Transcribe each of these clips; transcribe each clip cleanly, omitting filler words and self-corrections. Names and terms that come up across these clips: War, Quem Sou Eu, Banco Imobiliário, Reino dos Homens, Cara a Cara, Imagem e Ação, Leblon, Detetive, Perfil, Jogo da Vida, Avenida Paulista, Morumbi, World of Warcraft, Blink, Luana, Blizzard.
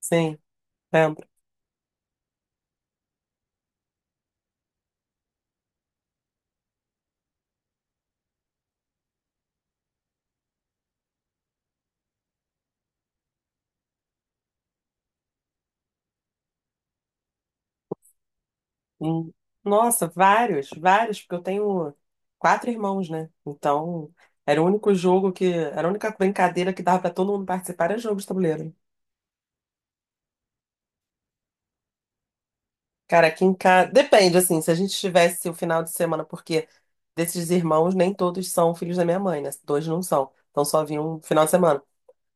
Sim, lembro. Hum. Nossa, vários, vários, porque eu tenho quatro irmãos, né? Então, era o único jogo que, era a única brincadeira que dava pra todo mundo participar, era jogo de tabuleiro. Cara, aqui em casa, depende, assim, se a gente tivesse o final de semana, porque desses irmãos nem todos são filhos da minha mãe, né? Dois não são, então só vinha um final de semana.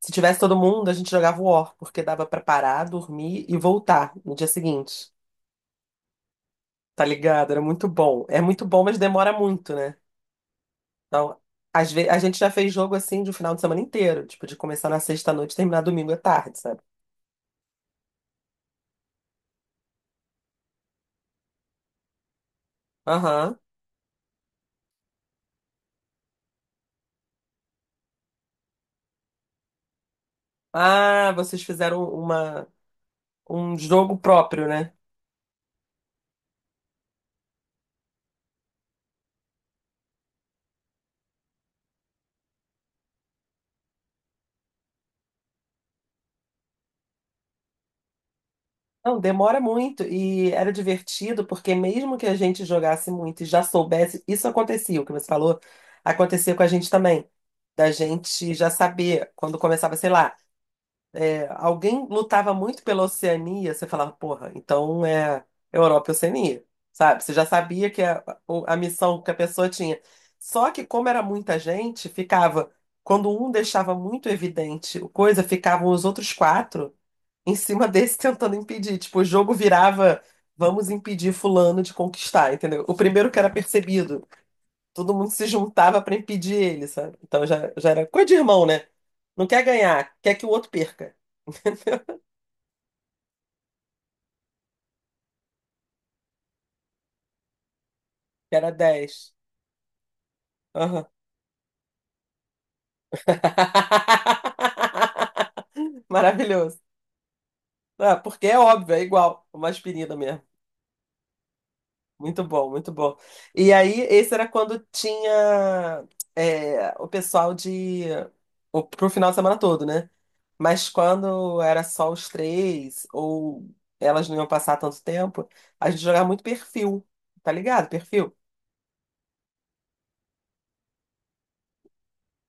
Se tivesse todo mundo, a gente jogava War, porque dava pra parar, dormir e voltar no dia seguinte. Tá ligado? Era muito bom. É muito bom, mas demora muito, né? Então, às vezes, a gente já fez jogo assim de um final de semana inteiro, tipo, de começar na sexta-noite e terminar domingo à tarde, sabe? Aham. Ah, vocês fizeram uma, um jogo próprio, né? Não, demora muito e era divertido porque mesmo que a gente jogasse muito e já soubesse, isso acontecia, o que você falou, acontecia com a gente também, da gente já saber quando começava, sei lá, alguém lutava muito pela Oceania, você falava, porra, então é Europa e Oceania, sabe? Você já sabia que a, a missão que a pessoa tinha. Só que, como era muita gente, ficava. Quando um deixava muito evidente o coisa, ficavam os outros quatro em cima desse tentando impedir. Tipo, o jogo virava, vamos impedir fulano de conquistar, entendeu? O primeiro que era percebido, todo mundo se juntava para impedir ele, sabe? Então já, já era coisa de irmão, né? Não quer ganhar, quer que o outro perca. Que era dez. Aham. Maravilhoso. Ah, porque é óbvio, é igual, é uma aspirina mesmo. Muito bom, muito bom. E aí, esse era quando tinha é, o pessoal de. O, pro final de semana todo, né? Mas quando era só os três, ou elas não iam passar tanto tempo, a gente jogava muito perfil, tá ligado? Perfil.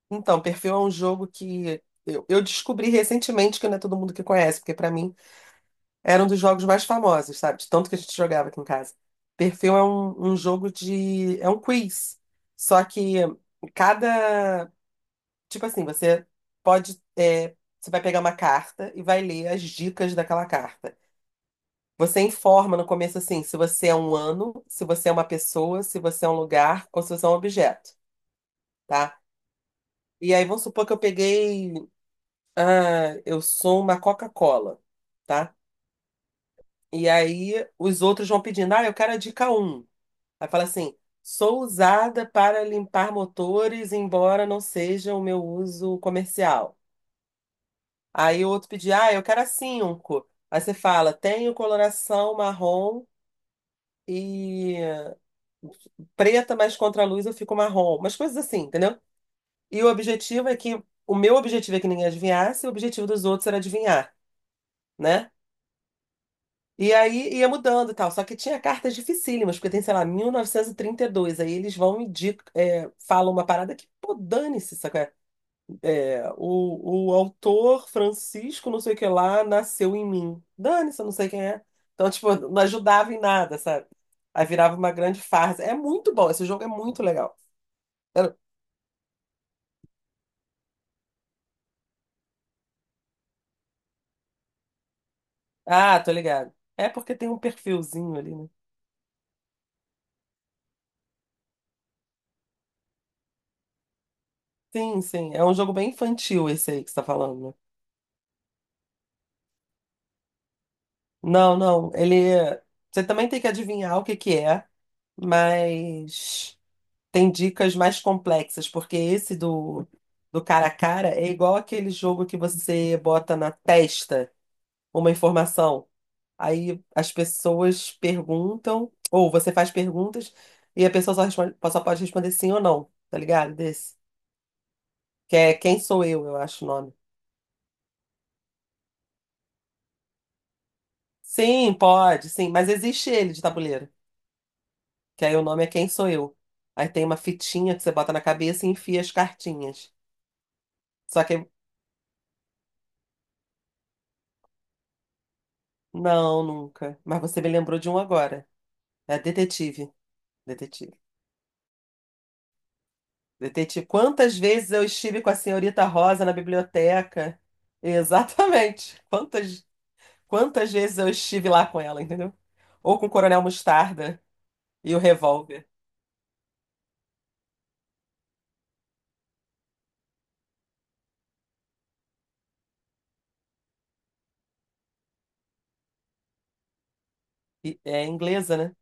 Então, perfil é um jogo que eu descobri recentemente que não é todo mundo que conhece, porque pra mim era um dos jogos mais famosos, sabe? De tanto que a gente jogava aqui em casa. Perfil é um jogo de. É um quiz. Só que cada. Tipo assim, você pode. É, você vai pegar uma carta e vai ler as dicas daquela carta. Você informa no começo assim, se você é um ano, se você é uma pessoa, se você é um lugar ou se você é um objeto, tá? E aí vamos supor que eu peguei. Ah, eu sou uma Coca-Cola, tá? E aí os outros vão pedindo, ah, eu quero a dica um. Aí fala assim: sou usada para limpar motores, embora não seja o meu uso comercial. Aí o outro pedia: ah, eu quero a cinco. Aí você fala: tenho coloração marrom e preta, mas contra a luz eu fico marrom. Umas coisas assim, entendeu? E o objetivo é que. O meu objetivo é que ninguém adivinhasse, e o objetivo dos outros era adivinhar, né? E aí ia mudando e tal. Só que tinha cartas dificílimas, porque tem, sei lá, mil novecentos e trinta e dois. Aí eles vão e é, falam uma parada que, pô, dane-se, saca? É, o autor Francisco, não sei o que lá, nasceu em mim. Dane-se, eu não sei quem é. Então, tipo, não ajudava em nada, sabe? Aí virava uma grande farsa. É muito bom, esse jogo é muito legal. Eu- Ah, tô ligado. É porque tem um perfilzinho ali, né? Sim, sim. É um jogo bem infantil esse aí que você tá falando, né? Não, não. Ele. Você também tem que adivinhar o que que é, mas tem dicas mais complexas, porque esse do cara a cara é igual aquele jogo que você bota na testa uma informação. Aí as pessoas perguntam, ou você faz perguntas, e a pessoa só pode responder sim ou não, tá ligado? Desse. Que é Quem Sou eu acho o nome. Sim, pode, sim, mas existe ele de tabuleiro. Que aí o nome é Quem Sou Eu. Aí tem uma fitinha que você bota na cabeça e enfia as cartinhas. Só que, não, nunca. Mas você me lembrou de um agora. É Detetive. Detetive. Detetive. Quantas vezes eu estive com a senhorita Rosa na biblioteca? Exatamente. Quantas, quantas vezes eu estive lá com ela, entendeu? Ou com o Coronel Mostarda e o revólver. É inglesa, né?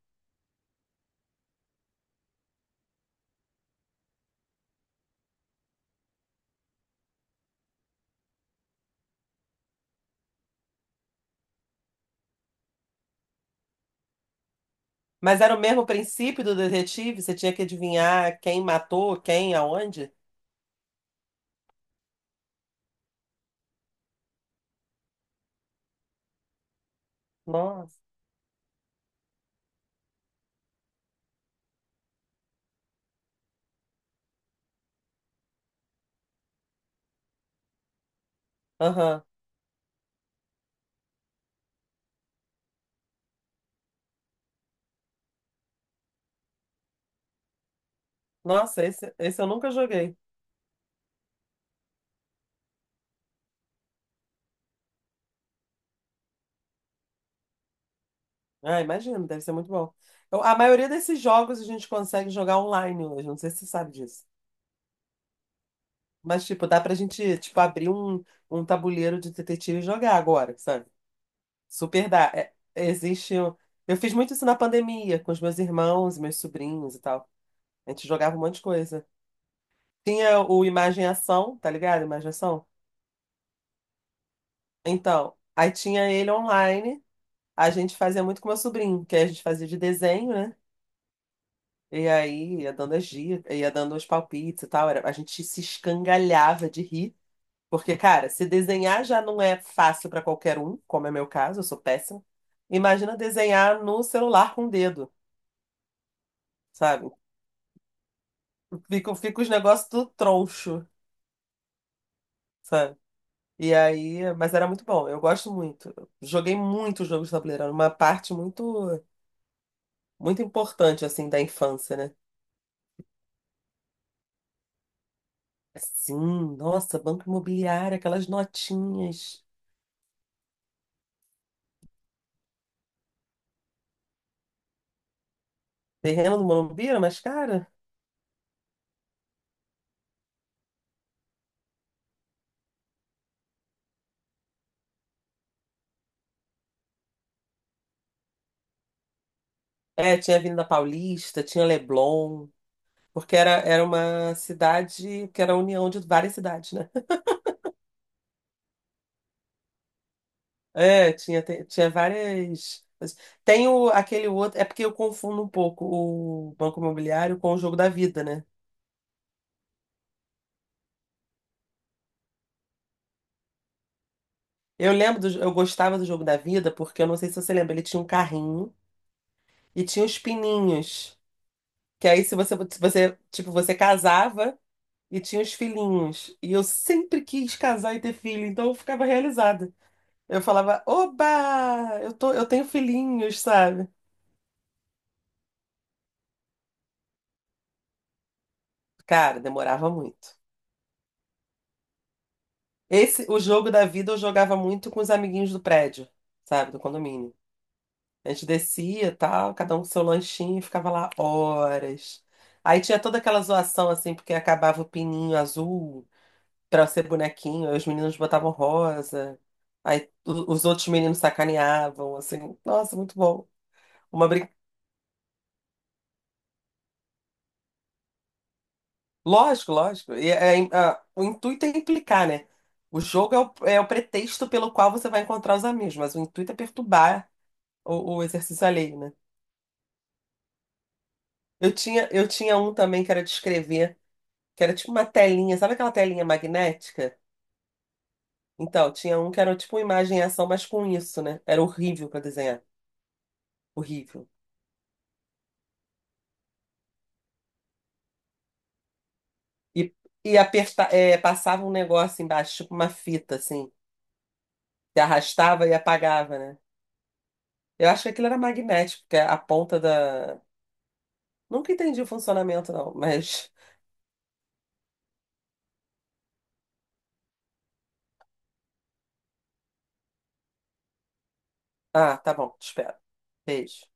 Mas era o mesmo princípio do detetive, você tinha que adivinhar quem matou, quem, aonde. Nossa. Aham. Nossa, esse eu nunca joguei. Ah, imagino, deve ser muito bom. A maioria desses jogos a gente consegue jogar online hoje, não sei se você sabe disso. Mas, tipo, dá pra gente, tipo, abrir um tabuleiro de detetive e jogar agora, sabe? Super dá. É, existe. Um. Eu fiz muito isso na pandemia, com os meus irmãos, meus sobrinhos e tal. A gente jogava um monte de coisa. Tinha o Imagem e Ação, tá ligado? Imagem e Ação. Então, aí tinha ele online. A gente fazia muito com meu sobrinho, que aí a gente fazia de desenho, né? E aí ia dando as dicas, ia dando os palpites e tal. Era, a gente se escangalhava de rir. Porque, cara, se desenhar já não é fácil pra qualquer um, como é meu caso, eu sou péssima. Imagina desenhar no celular com o dedo, sabe? Fica, fica os negócios tudo troncho, sabe? E aí, mas era muito bom, eu gosto muito. Joguei muito jogos de tabuleiro, era uma parte muito, muito importante, assim, da infância, né? Sim, nossa, Banco Imobiliário, aquelas notinhas. Terreno do Morumbi era mais cara? É, tinha Avenida Paulista, tinha Leblon, porque era, era uma cidade que era a união de várias cidades, né? É, tinha, tinha várias. Tem o, aquele outro. É porque eu confundo um pouco o Banco Imobiliário com o Jogo da Vida, né? Eu lembro, do, eu gostava do Jogo da Vida porque eu não sei se você lembra, ele tinha um carrinho e tinha os pininhos. Que aí se você, tipo, você casava e tinha os filhinhos. E eu sempre quis casar e ter filho, então eu ficava realizada. Eu falava, oba, eu tenho filhinhos, sabe? Cara, demorava muito. Esse, o jogo da vida eu jogava muito com os amiguinhos do prédio, sabe, do condomínio. A gente descia, e tal, cada um com seu lanchinho, e ficava lá horas. Aí tinha toda aquela zoação assim, porque acabava o pininho azul pra ser bonequinho, aí os meninos botavam rosa. Aí os outros meninos sacaneavam, assim, nossa, muito bom. Uma lógico, lógico. E é, o intuito é implicar, né? O jogo é o, é o pretexto pelo qual você vai encontrar os amigos, mas o intuito é perturbar o exercício alheio, né? Eu tinha um também que era de escrever, que era tipo uma telinha, sabe aquela telinha magnética? Então, tinha um que era tipo uma imagem e ação, mas com isso, né? Era horrível pra desenhar. Horrível. E, e aperta, é, passava um negócio embaixo, tipo uma fita, assim, que arrastava e apagava, né? Eu acho que aquilo era magnético, porque a ponta da. Nunca entendi o funcionamento, não, mas. Ah, tá bom, te espero. Beijo.